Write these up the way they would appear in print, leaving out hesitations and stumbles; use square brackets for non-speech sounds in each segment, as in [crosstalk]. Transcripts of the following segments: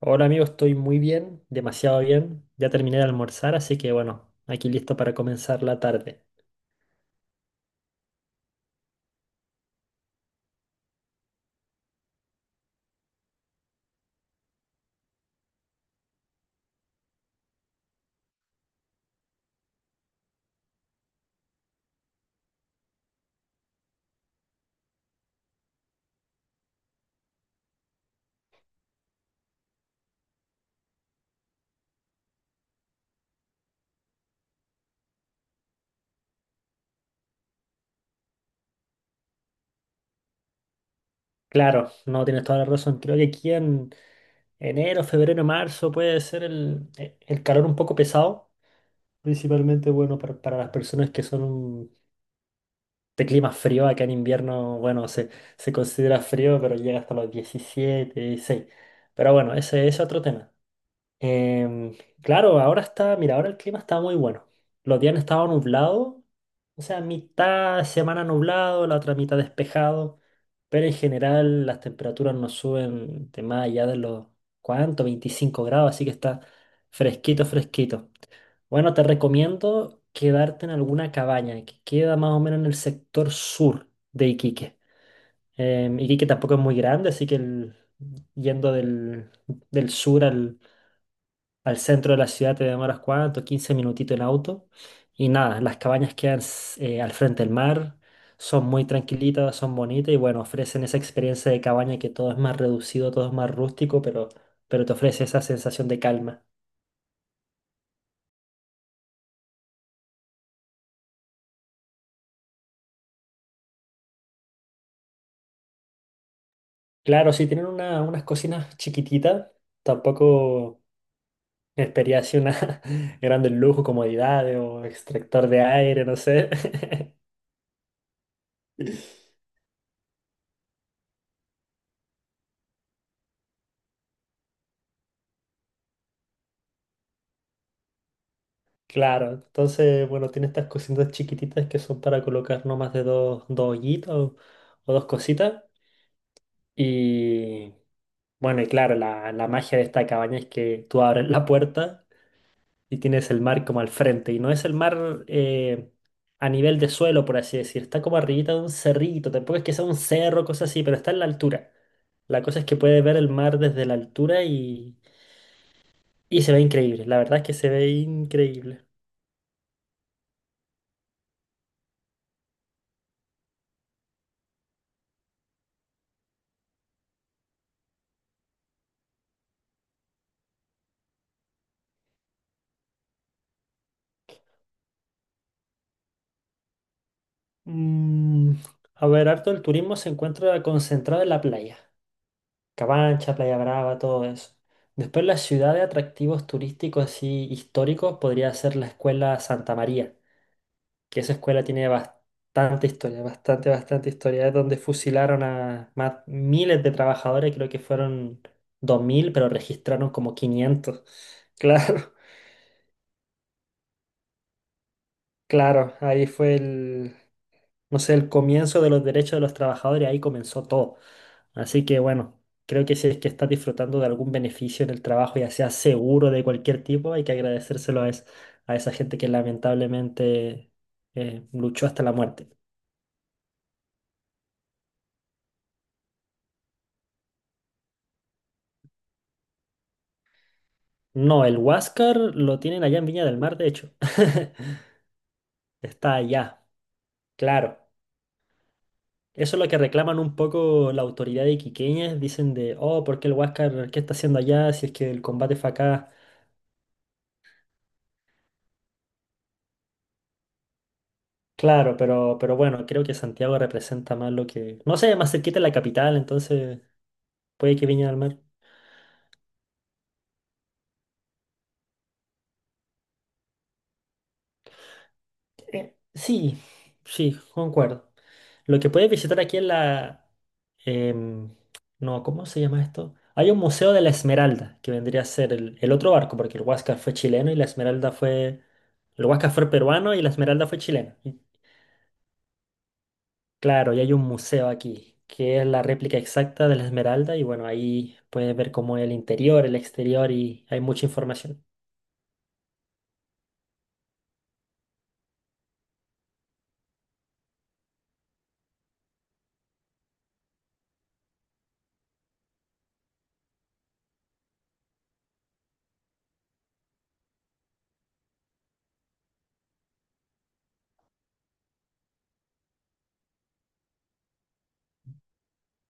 Hola amigo, estoy muy bien, demasiado bien. Ya terminé de almorzar, así que bueno, aquí listo para comenzar la tarde. Claro, no tienes toda la razón. Creo que aquí en enero, febrero, marzo puede ser el calor un poco pesado. Principalmente, bueno, para las personas que son un- de clima frío. Acá en invierno, bueno, se considera frío, pero llega hasta los 17, 16. Pero bueno, ese es otro tema. Em, claro, ahora está, mira, ahora el clima está muy bueno. Los días han estado nublados. O sea, mitad semana nublado, la otra mitad despejado, pero en general las temperaturas no suben de más allá de los, ¿cuánto? 25 grados, así que está fresquito, fresquito. Bueno, te recomiendo quedarte en alguna cabaña que queda más o menos en el sector sur de Iquique. Iquique tampoco es muy grande, así que el- yendo del sur al centro de la ciudad te demoras cuánto, 15 minutitos en auto. Y nada, las cabañas quedan s- al frente del mar, son muy tranquilitas, son bonitas y bueno, ofrecen esa experiencia de cabaña que todo es más reducido, todo es más rústico, pero te ofrece esa sensación de calma. Claro, si tienen una- unas cocinas chiquititas, tampoco espería así una [laughs] gran lujo, comodidades o extractor de aire, no sé. [laughs] Claro, entonces, bueno, tiene estas cositas chiquititas que son para colocar no más de dos, dos hoyitos o dos cositas. Y bueno, y claro, la magia de esta cabaña es que tú abres la puerta y tienes el mar como al frente. Y no es el mar a nivel de suelo, por así decir. Está como arribita de un cerrito. Tampoco es que sea un cerro, cosas así, pero está en la altura. La cosa es que puedes ver el mar desde la altura y se ve increíble. La verdad es que se ve increíble. Mm, a ver, harto el turismo se encuentra concentrado en la playa. Cabancha, Playa Brava, todo eso. Después la ciudad de atractivos turísticos así históricos podría ser la escuela Santa María, que esa escuela tiene bastante historia, bastante, bastante historia. Es donde fusilaron a más, miles de trabajadores, creo que fueron 2000 pero registraron como 500. [laughs] Claro, claro, ahí fue no sé, el comienzo de los derechos de los trabajadores, ahí comenzó todo. Así que bueno, creo que si es que estás disfrutando de algún beneficio en el trabajo, ya sea seguro de cualquier tipo, hay que agradecérselo a, es- a esa gente que lamentablemente luchó hasta la muerte. No, el Huáscar lo tienen allá en Viña del Mar, de hecho. [laughs] Está allá, claro. Eso es lo que reclaman un poco la autoridad de Iquiqueñas. Dicen de, oh, ¿por qué el Huáscar, qué está haciendo allá si es que el combate fue acá? Claro, pero bueno, creo que Santiago representa más lo que… No sé, más cerquita de la capital, entonces puede que Viña del Mar… sí, sí, concuerdo. Lo que puedes visitar aquí en la… em, no, ¿cómo se llama esto? Hay un museo de la Esmeralda, que vendría a ser el otro barco, porque el Huáscar fue chileno y la Esmeralda fue… El Huáscar fue peruano y la Esmeralda fue chilena. Claro, y hay un museo aquí, que es la réplica exacta de la Esmeralda, y bueno, ahí puedes ver cómo es el interior, el exterior, y hay mucha información.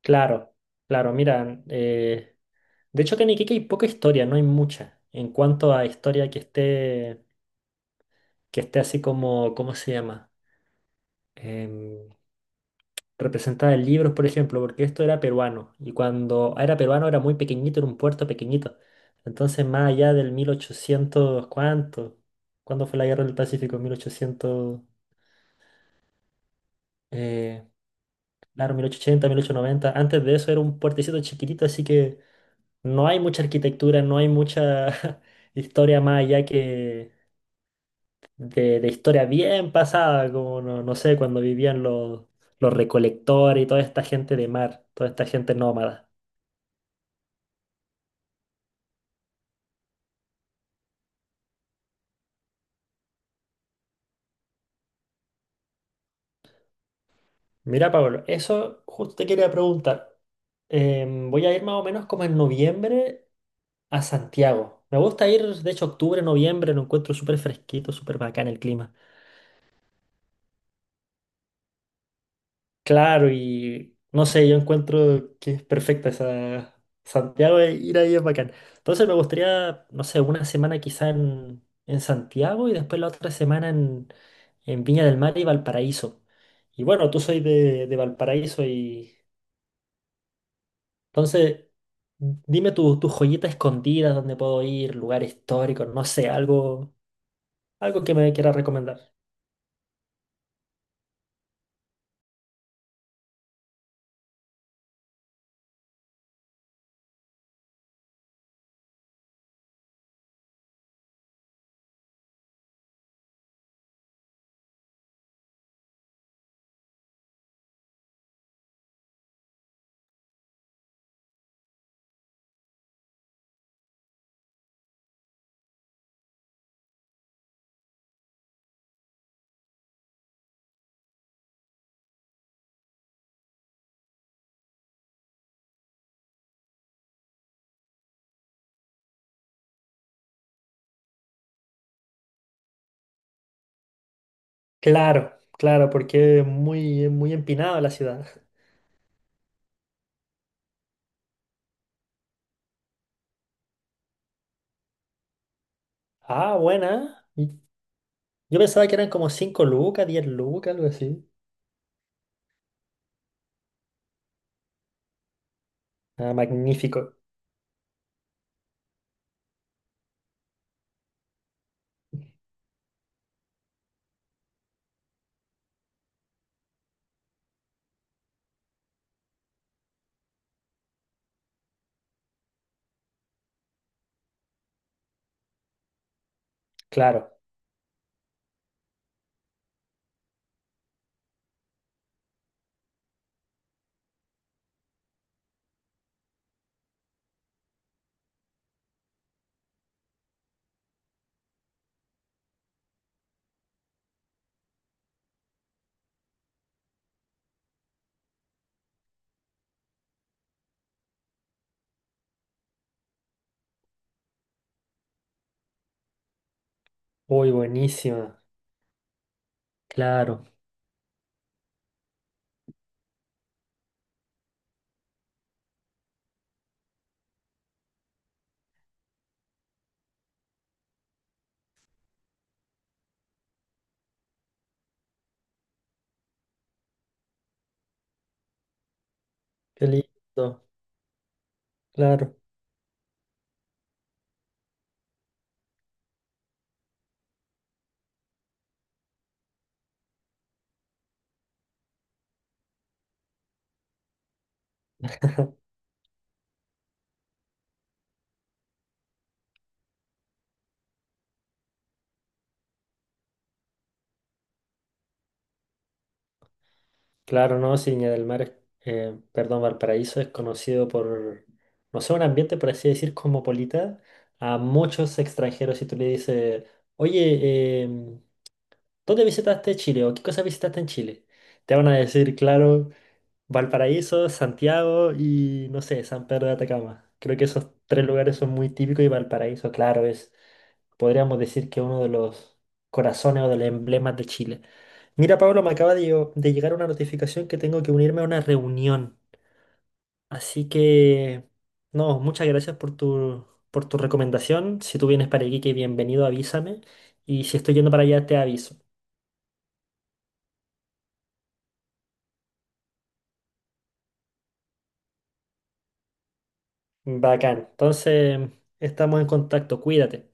Claro, claro, mira, de hecho que en Iquique hay poca historia, no hay mucha, en cuanto a historia que esté así como, ¿cómo se llama? em, Representada en libros, por ejemplo, porque esto era peruano. Y cuando era peruano era muy pequeñito, era un puerto pequeñito. Entonces, más allá del 1800 ¿cuánto? ¿Cuándo fue la guerra del Pacífico? 1800, eh, claro, mil ochocientos, ochenta, 1890. Antes de eso era un puertecito chiquitito, así que no hay mucha arquitectura, no hay mucha [laughs] historia más allá que, de historia bien pasada, como no, no sé, cuando vivían los recolectores y toda esta gente de mar, toda esta gente nómada. Mira, Pablo, eso justo te quería preguntar. Voy a ir más o menos como en noviembre a Santiago. Me gusta ir, de hecho, octubre, noviembre, lo encuentro súper fresquito, súper bacán el clima. Claro, y no sé, yo encuentro que es perfecta esa Santiago, e ir ahí es bacán. Entonces me gustaría, no sé, una semana quizá en Santiago y después la otra semana en Viña del Mar y Valparaíso. Y bueno, tú soy de Valparaíso y entonces dime tu, tu joyita escondida, dónde puedo ir, lugar histórico, no sé, algo, algo que me quieras recomendar. Claro, claro, porque es muy empinada la ciudad. Ah, buena, ¿eh? Yo pensaba que eran como 5 lucas, 10 lucas, algo así. Ah, magnífico. Claro. Uy, buenísima. Claro. Qué lindo. Claro. Claro, no, si Viña del Mar es, perdón, Valparaíso es conocido por, no sé, un ambiente, por así decir, cosmopolita. A muchos extranjeros, si tú le dices, oye, ¿dónde visitaste Chile? ¿O qué cosas visitaste en Chile? Te van a decir, claro. Valparaíso, Santiago y no sé, San Pedro de Atacama. Creo que esos tres lugares son muy típicos y Valparaíso, claro, es, podríamos decir que uno de los corazones o de los emblemas de Chile. Mira, Pablo, me acaba de, llo- de llegar una notificación que tengo que unirme a una reunión. Así que, no, muchas gracias por tu recomendación. Si tú vienes para Iquique, bienvenido, avísame. Y si estoy yendo para allá, te aviso. Bacán. Entonces, estamos en contacto. Cuídate.